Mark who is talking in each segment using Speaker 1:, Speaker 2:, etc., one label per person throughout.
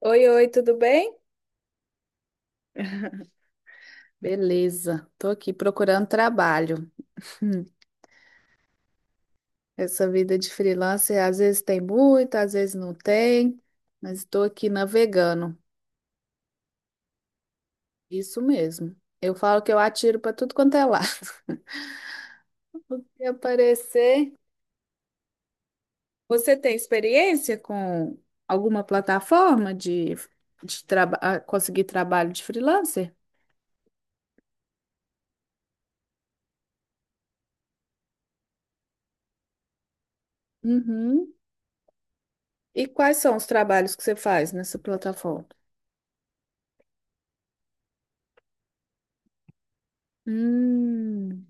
Speaker 1: Oi, oi, tudo bem? Beleza, tô aqui procurando trabalho. Hum. Essa vida de freelancer às vezes tem muito, às vezes não tem, mas estou aqui navegando. Isso mesmo. Eu falo que eu atiro para tudo quanto é lado. Se aparecer, você tem experiência com alguma plataforma de conseguir trabalho de freelancer? Uhum. E quais são os trabalhos que você faz nessa plataforma? Hum.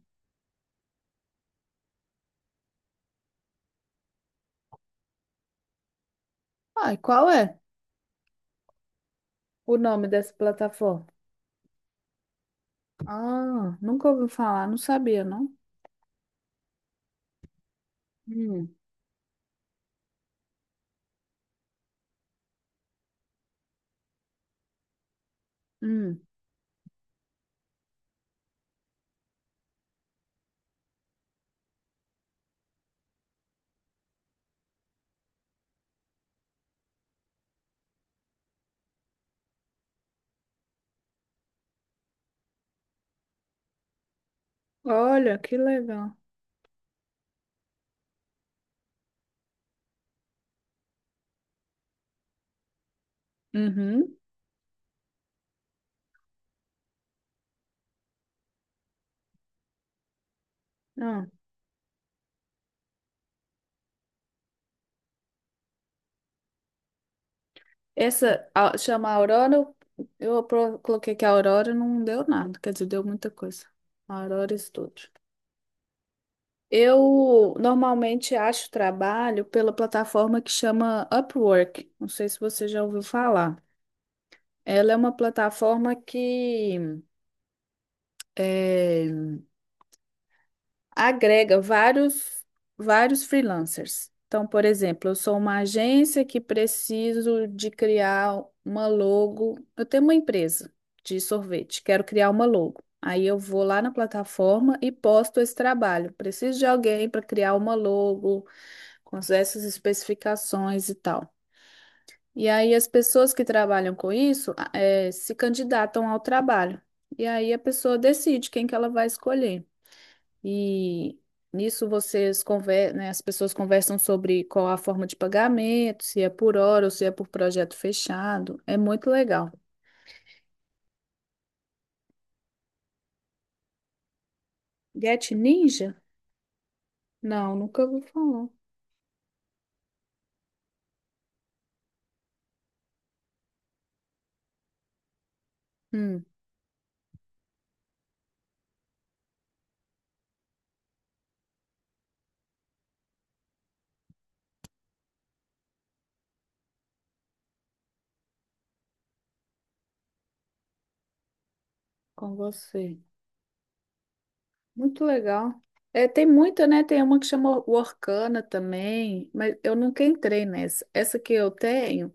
Speaker 1: Ah, e qual é? O nome dessa plataforma. Ah, nunca ouvi falar, não sabia, não. Hum, hum. Olha, que legal. Uhum. Ah, essa chama Aurora, eu coloquei que a Aurora não deu nada, quer dizer, deu muita coisa. Aurora Studio. Eu normalmente acho trabalho pela plataforma que chama Upwork. Não sei se você já ouviu falar. Ela é uma plataforma que é, agrega vários freelancers. Então, por exemplo, eu sou uma agência que preciso de criar uma logo. Eu tenho uma empresa de sorvete, quero criar uma logo. Aí eu vou lá na plataforma e posto esse trabalho. Preciso de alguém para criar uma logo com essas especificações e tal. E aí as pessoas que trabalham com isso, se candidatam ao trabalho. E aí a pessoa decide quem que ela vai escolher. E nisso vocês né, as pessoas conversam sobre qual a forma de pagamento, se é por hora ou se é por projeto fechado. É muito legal. Get Ninja? Não, nunca ouvi falar. Hum, com você. Muito legal. É, tem muita, né? Tem uma que chama Workana também, mas eu nunca entrei nessa. Essa que eu tenho.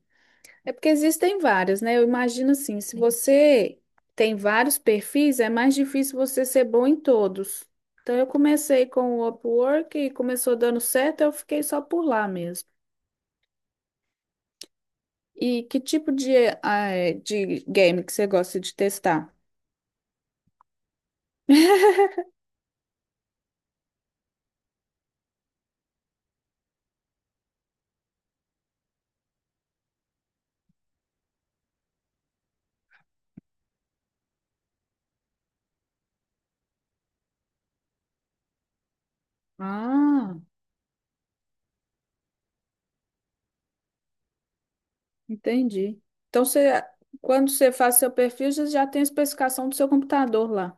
Speaker 1: É porque existem várias, né? Eu imagino assim, se você tem vários perfis, é mais difícil você ser bom em todos. Então eu comecei com o Upwork e começou dando certo, eu fiquei só por lá mesmo. E que tipo de game que você gosta de testar? Ah, entendi. Então você, quando você faz seu perfil, você já tem a especificação do seu computador lá.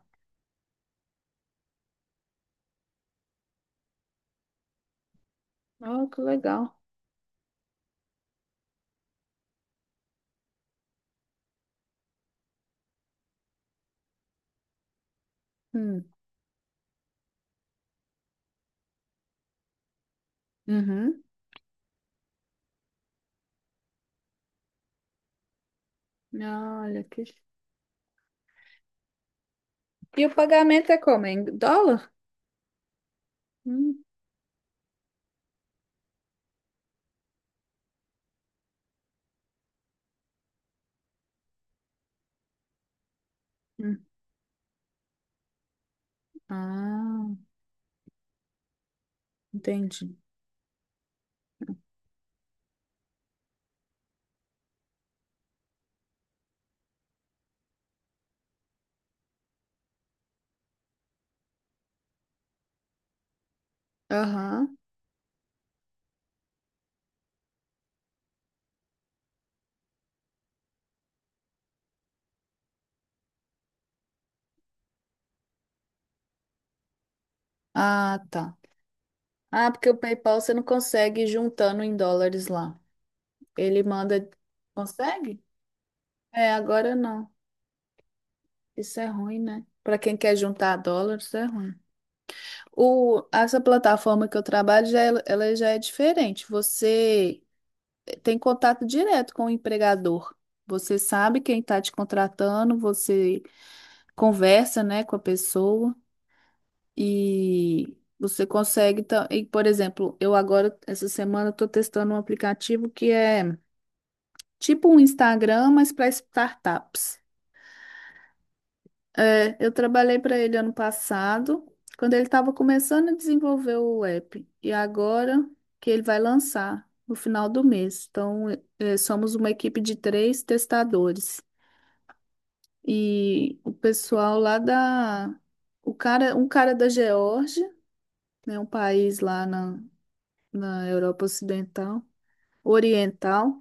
Speaker 1: Oh, que legal. Hum. Uhum. Olha que. E o pagamento é como? Em dólar? Hum. Ah, entendi. Aham. Ah, tá. Ah, porque o PayPal você não consegue ir juntando em dólares lá. Ele manda. Consegue? É, agora não. Isso é ruim, né? Para quem quer juntar dólares, é ruim. O, essa plataforma que eu trabalho, já, ela já é diferente. Você tem contato direto com o empregador. Você sabe quem está te contratando, você conversa, né, com a pessoa. E você consegue. E, por exemplo, eu agora, essa semana, estou testando um aplicativo que é tipo um Instagram, mas para startups. É, eu trabalhei para ele ano passado, quando ele estava começando a desenvolver o app. E agora que ele vai lançar no final do mês. Então, somos uma equipe de três testadores. E o pessoal lá da. O cara, um cara da Geórgia, né, um país lá na Europa Ocidental, Oriental,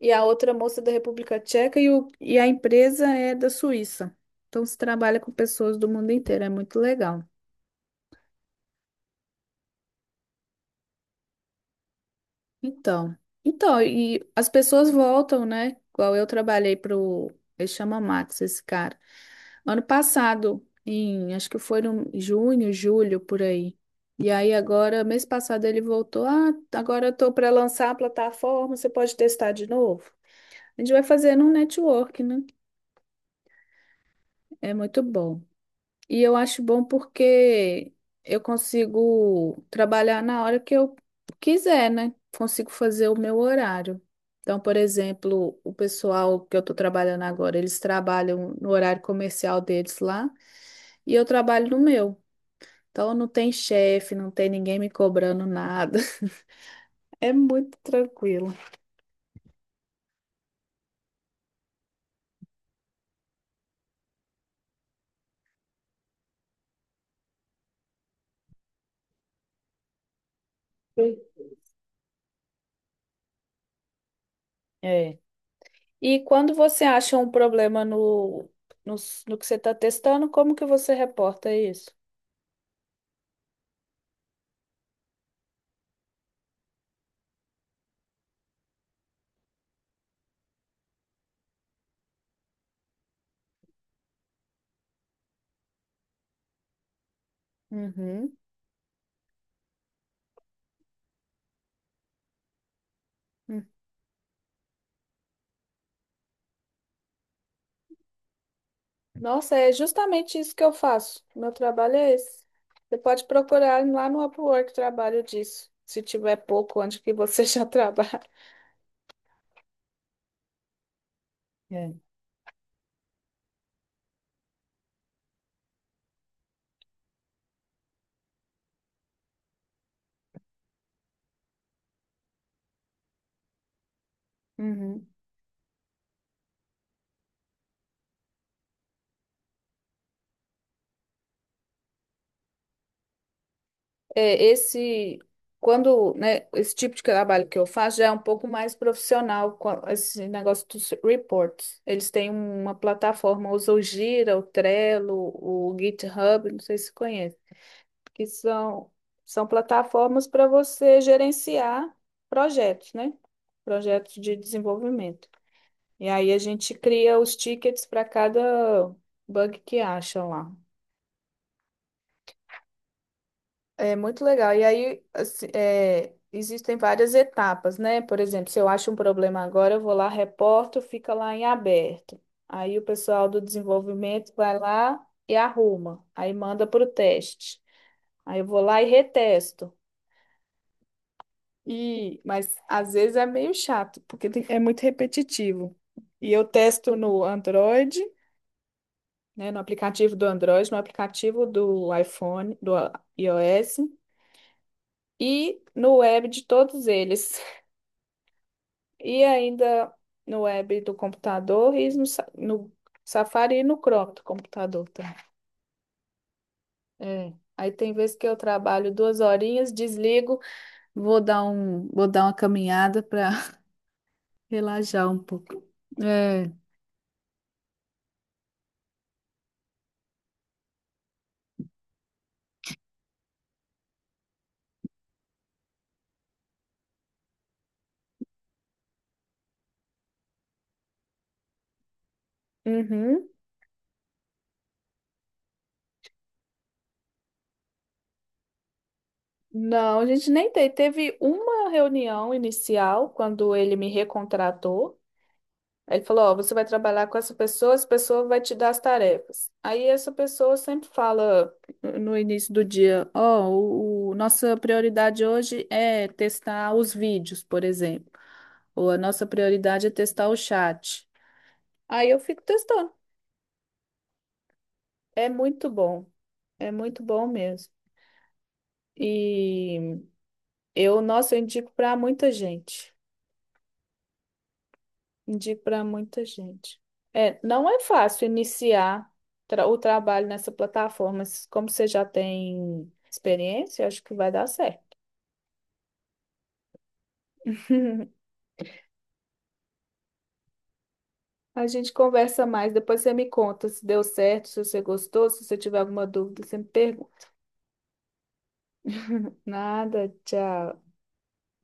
Speaker 1: e a outra moça da República Tcheca e a empresa é da Suíça. Então se trabalha com pessoas do mundo inteiro, é muito legal. Então, e as pessoas voltam, né? Igual eu trabalhei para o, ele chama Max, esse cara. Ano passado, em, acho que foi em junho, julho, por aí. E aí agora, mês passado ele voltou, ah, agora eu tô para lançar a plataforma, você pode testar de novo. A gente vai fazendo um network, né? É muito bom. E eu acho bom porque eu consigo trabalhar na hora que eu quiser, né? Consigo fazer o meu horário. Então, por exemplo, o pessoal que eu estou trabalhando agora, eles trabalham no horário comercial deles lá e eu trabalho no meu. Então, não tem chefe, não tem ninguém me cobrando nada. É muito tranquilo. Sim. É. E quando você acha um problema no, no que você está testando, como que você reporta isso? Uhum. Hum. Nossa, é justamente isso que eu faço. Meu trabalho é esse. Você pode procurar lá no Upwork trabalho disso, se tiver pouco, onde que você já trabalha. É. Uhum. É, esse, quando, né, esse tipo de trabalho que eu faço já é um pouco mais profissional, esse negócio dos reports. Eles têm uma plataforma, usam o Gira, o Trello, o GitHub, não sei se você conhece. Que são plataformas para você gerenciar projetos, né? Projetos de desenvolvimento. E aí a gente cria os tickets para cada bug que acha lá. É muito legal. E aí, assim, existem várias etapas, né? Por exemplo, se eu acho um problema agora, eu vou lá, reporto, fica lá em aberto. Aí o pessoal do desenvolvimento vai lá e arruma. Aí manda para o teste. Aí eu vou lá e retesto. E, mas às vezes é meio chato, porque é muito repetitivo. E eu testo no Android, né, no aplicativo do Android, no aplicativo do iPhone, do iOS e no web de todos eles. E ainda no web do computador e no Safari e no Chrome do computador também. É. Aí tem vezes que eu trabalho duas horinhas, desligo, vou dar uma caminhada para relaxar um pouco. É. Uhum. Não, a gente nem teve. Teve uma reunião inicial quando ele me recontratou. Aí ele falou: Ó, você vai trabalhar com essa pessoa vai te dar as tarefas. Aí essa pessoa sempre fala no início do dia: Ó, nossa prioridade hoje é testar os vídeos, por exemplo. Ou a nossa prioridade é testar o chat. Aí eu fico testando. É muito bom. É muito bom mesmo. E eu, nossa, eu indico para muita gente. Indico para muita gente. É, não é fácil iniciar o trabalho nessa plataforma, mas como você já tem experiência, eu acho que vai dar certo. A gente conversa mais, depois você me conta se deu certo, se você gostou, se você tiver alguma dúvida, você me pergunta. Nada, tchau.